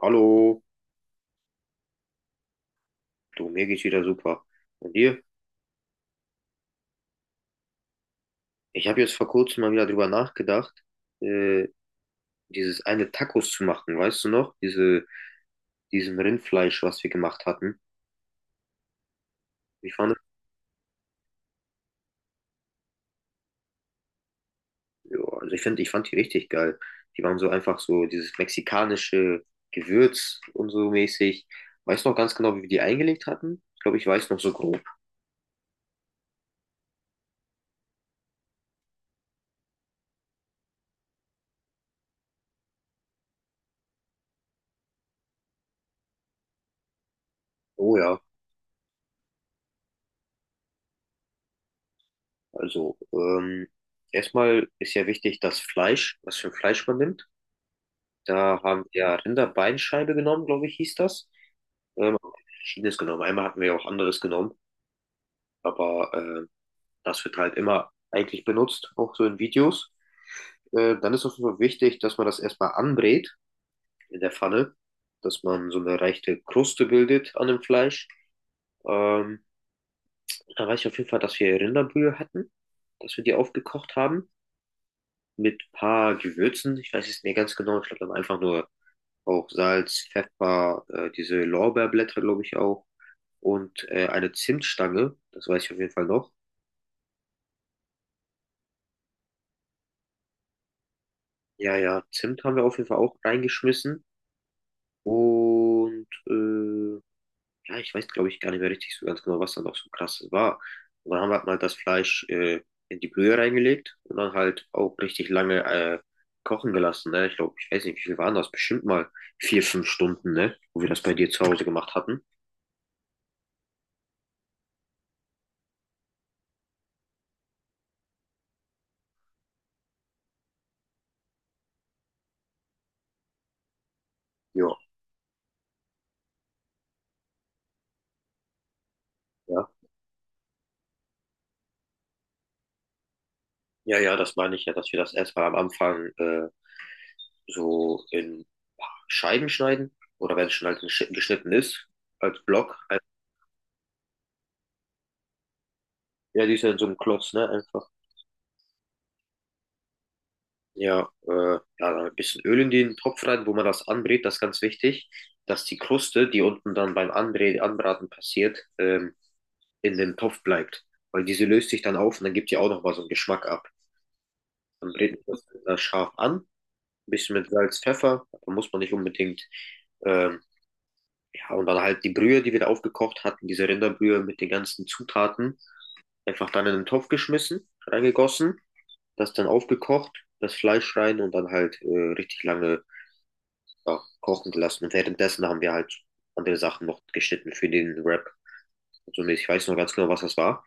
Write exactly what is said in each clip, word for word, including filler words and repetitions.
Hallo, du, mir geht's wieder super. Und dir? Ich habe jetzt vor kurzem mal wieder drüber nachgedacht, äh, dieses eine Tacos zu machen, weißt du noch? Diese, diesen Rindfleisch, was wir gemacht hatten. Ich fand, ja, also ich finde, ich fand die richtig geil. Die waren so einfach so dieses mexikanische Gewürz und so mäßig. Weißt du noch ganz genau, wie wir die eingelegt hatten? Ich glaube, ich weiß noch so grob. Oh ja, also ähm, erstmal ist ja wichtig das Fleisch, was für ein Fleisch man nimmt. Da haben wir Rinderbeinscheibe genommen, glaube ich, hieß das. Ähm, verschiedenes genommen. Einmal hatten wir auch anderes genommen, aber äh, das wird halt immer eigentlich benutzt, auch so in Videos. Äh, dann ist auf jeden Fall wichtig, dass man das erstmal anbrät in der Pfanne, dass man so eine leichte Kruste bildet an dem Fleisch. Ähm, da weiß ich auf jeden Fall, dass wir Rinderbrühe hatten, dass wir die aufgekocht haben mit ein paar Gewürzen. Ich weiß es nicht mehr ganz genau, ich glaube, wir haben einfach nur auch Salz, Pfeffer, äh, diese Lorbeerblätter, glaube ich, auch. Und äh, eine Zimtstange, das weiß ich auf jeden Fall noch. Ja, ja, Zimt haben wir auf jeden Fall auch reingeschmissen. Und äh, ja, ich weiß, glaube ich, gar nicht mehr richtig so ganz genau, was da noch so krasses war. Und dann haben wir halt mal das Fleisch äh, in die Brühe reingelegt und dann halt auch richtig lange äh, kochen gelassen. Ne? Ich glaube, ich weiß nicht, wie viel waren das? Bestimmt mal vier, fünf Stunden, ne? Wo wir das bei dir zu Hause gemacht hatten. Ja, ja. Ja, ja, das meine ich ja, dass wir das erstmal am Anfang äh, so in Scheiben schneiden. Oder wenn es schon halt gesch- geschnitten ist, als Block. Ein- Ja, die ist ja in so einem Klotz, ne? Einfach. Ja, äh, ja, dann ein bisschen Öl in den Topf rein, wo man das anbrät, das ist ganz wichtig, dass die Kruste, die unten dann beim Anbrä Anbraten passiert, ähm, in dem Topf bleibt. Weil diese löst sich dann auf und dann gibt die auch nochmal so einen Geschmack ab. Dann brät man das äh, scharf an, ein bisschen mit Salz, Pfeffer, da muss man nicht unbedingt ähm, ja, und dann halt die Brühe, die wir da aufgekocht hatten, diese Rinderbrühe mit den ganzen Zutaten, einfach dann in den Topf geschmissen, reingegossen, das dann aufgekocht, das Fleisch rein und dann halt äh, richtig lange ja, kochen gelassen. Und währenddessen haben wir halt andere Sachen noch geschnitten für den Wrap. Also, nee, ich weiß noch ganz genau, was das war.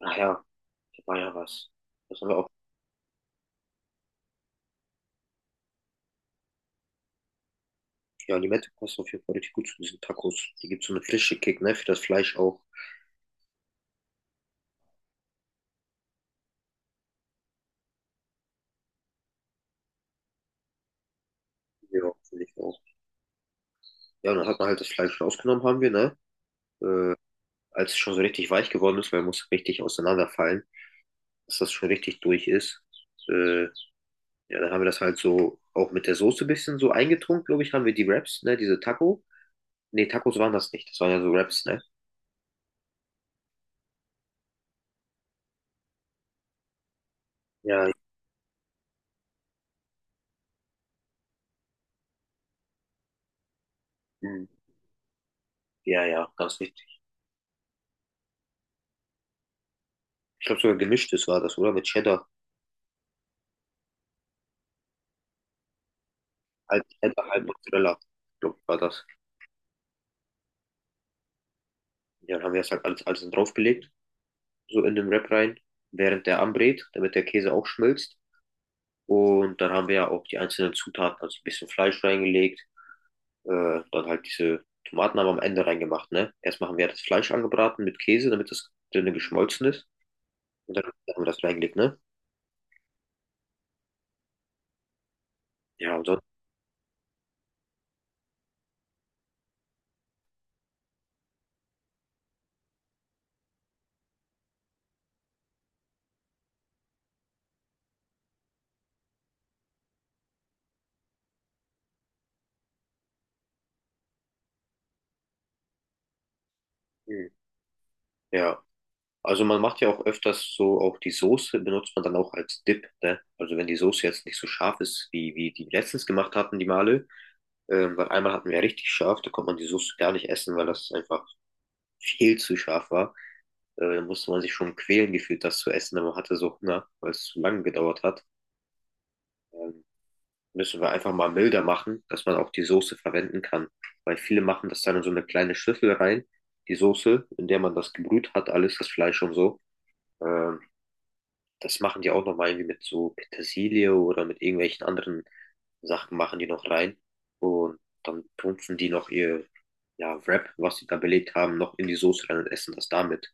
Ach ja, das war ja was. Das haben wir auch. Ja, Limette passt auf jeden Fall richtig gut zu diesen Tacos. Die gibt so eine frische Kick, ne, für das Fleisch auch. Ja, finde ich auch. Ja, und dann hat man halt das Fleisch rausgenommen, haben wir, ne? Äh, als es schon so richtig weich geworden ist, weil er muss richtig auseinanderfallen, dass das schon richtig durch ist. Äh, ja, dann haben wir das halt so auch mit der Soße ein bisschen so eingetrunken, glaube ich, haben wir die Wraps, ne, diese Taco. Ne, Tacos waren das nicht, das waren ja so Wraps, ne? Ja, hm, ja, ja, ganz richtig. Ich glaube sogar gemischtes war das, oder? Mit Cheddar, halb Cheddar, halb Mozzarella, glaube war das. Ja, dann haben wir das halt alles, alles draufgelegt, so in den Wrap rein, während der anbrät, damit der Käse auch schmilzt. Und dann haben wir ja auch die einzelnen Zutaten, also ein bisschen Fleisch reingelegt, äh, dann halt diese Tomaten haben wir am Ende reingemacht, ne? Erst machen wir das Fleisch angebraten mit Käse, damit das dünne geschmolzen ist. Und dann haben wir das reingelegt, ne? Ja, und sonst, hm, ja. Also man macht ja auch öfters so, auch die Soße benutzt man dann auch als Dip, ne? Also wenn die Soße jetzt nicht so scharf ist, wie, wie die letztens gemacht hatten, die Male, ähm, weil einmal hatten wir ja richtig scharf, da konnte man die Soße gar nicht essen, weil das einfach viel zu scharf war. Äh, da musste man sich schon quälen gefühlt, das zu essen, aber man hatte so Hunger, weil es zu lange gedauert hat. Ähm, müssen wir einfach mal milder machen, dass man auch die Soße verwenden kann. Weil viele machen das dann in so eine kleine Schüssel rein, die Soße, in der man das gebrüht hat, alles, das Fleisch und so. Ähm, das machen die auch nochmal irgendwie mit so Petersilie oder mit irgendwelchen anderen Sachen machen die noch rein. Und dann tunfen die noch ihr ja, Wrap, was sie da belegt haben, noch in die Soße rein und essen das damit.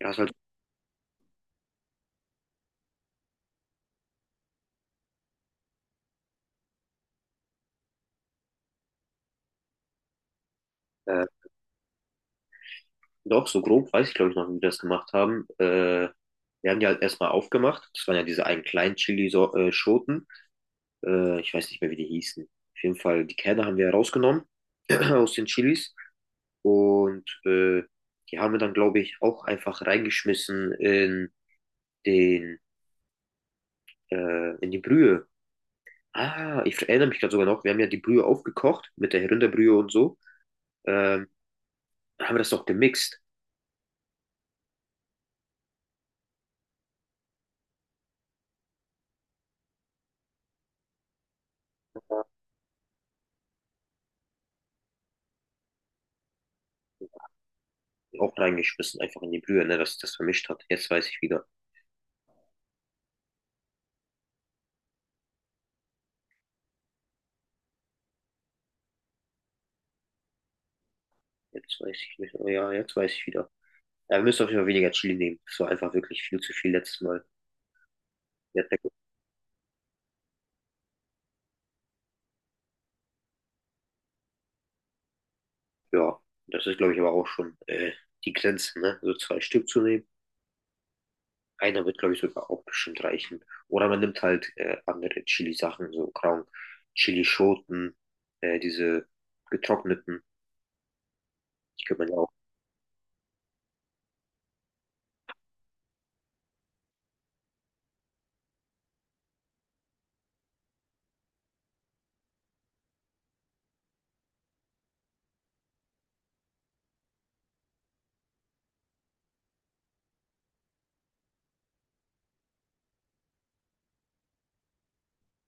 Ja, ist halt, äh, doch, so grob weiß ich glaube ich noch, wie die das gemacht haben. Äh, wir haben die halt erstmal aufgemacht. Das waren ja diese einen kleinen Chili-Schoten. Äh, ich weiß nicht mehr, wie die hießen. Auf jeden Fall, die Kerne haben wir rausgenommen aus den Chilis. Und äh, die haben wir dann, glaube ich, auch einfach reingeschmissen in den, äh, in die Brühe. Ah, ich erinnere mich gerade sogar noch, wir haben ja die Brühe aufgekocht mit der Rinderbrühe und so. Ähm, haben wir das noch gemixt. Auch reingeschmissen, einfach in die Brühe, ne, dass sich das vermischt hat. Jetzt weiß ich wieder. Jetzt weiß ich nicht. Oh ja, jetzt weiß ich wieder. Ja, wir müssen auf jeden Fall weniger Chili nehmen. Das war einfach wirklich viel zu viel letztes Mal. Ja, das ist, glaube ich, aber auch schon äh, die Grenze, ne? So zwei Stück zu nehmen. Einer wird, glaube ich, sogar auch bestimmt reichen. Oder man nimmt halt äh, andere Chili-Sachen, so grauen Chili-Schoten, äh, diese getrockneten. Die könnte man ja auch,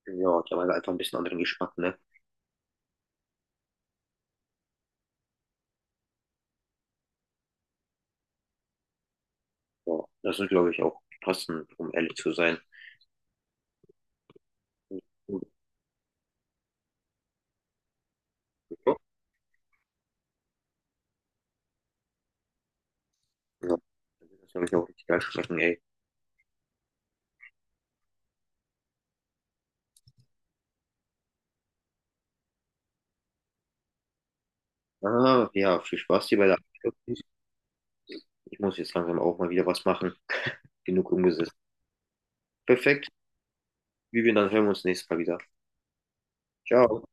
ja, die haben halt einfach ein bisschen anderen Geschmack, ne? Ja, das ist, glaube ich, auch passend, um ehrlich zu sein. Ja, das wird, glaube ich, auch richtig geil schmecken, ey. Ah, ja, viel Spaß dir bei der Abschluss. Ich muss jetzt langsam auch mal wieder was machen. Genug umgesetzt. Perfekt. Vivian, dann hören wir uns nächstes Mal wieder. Ciao.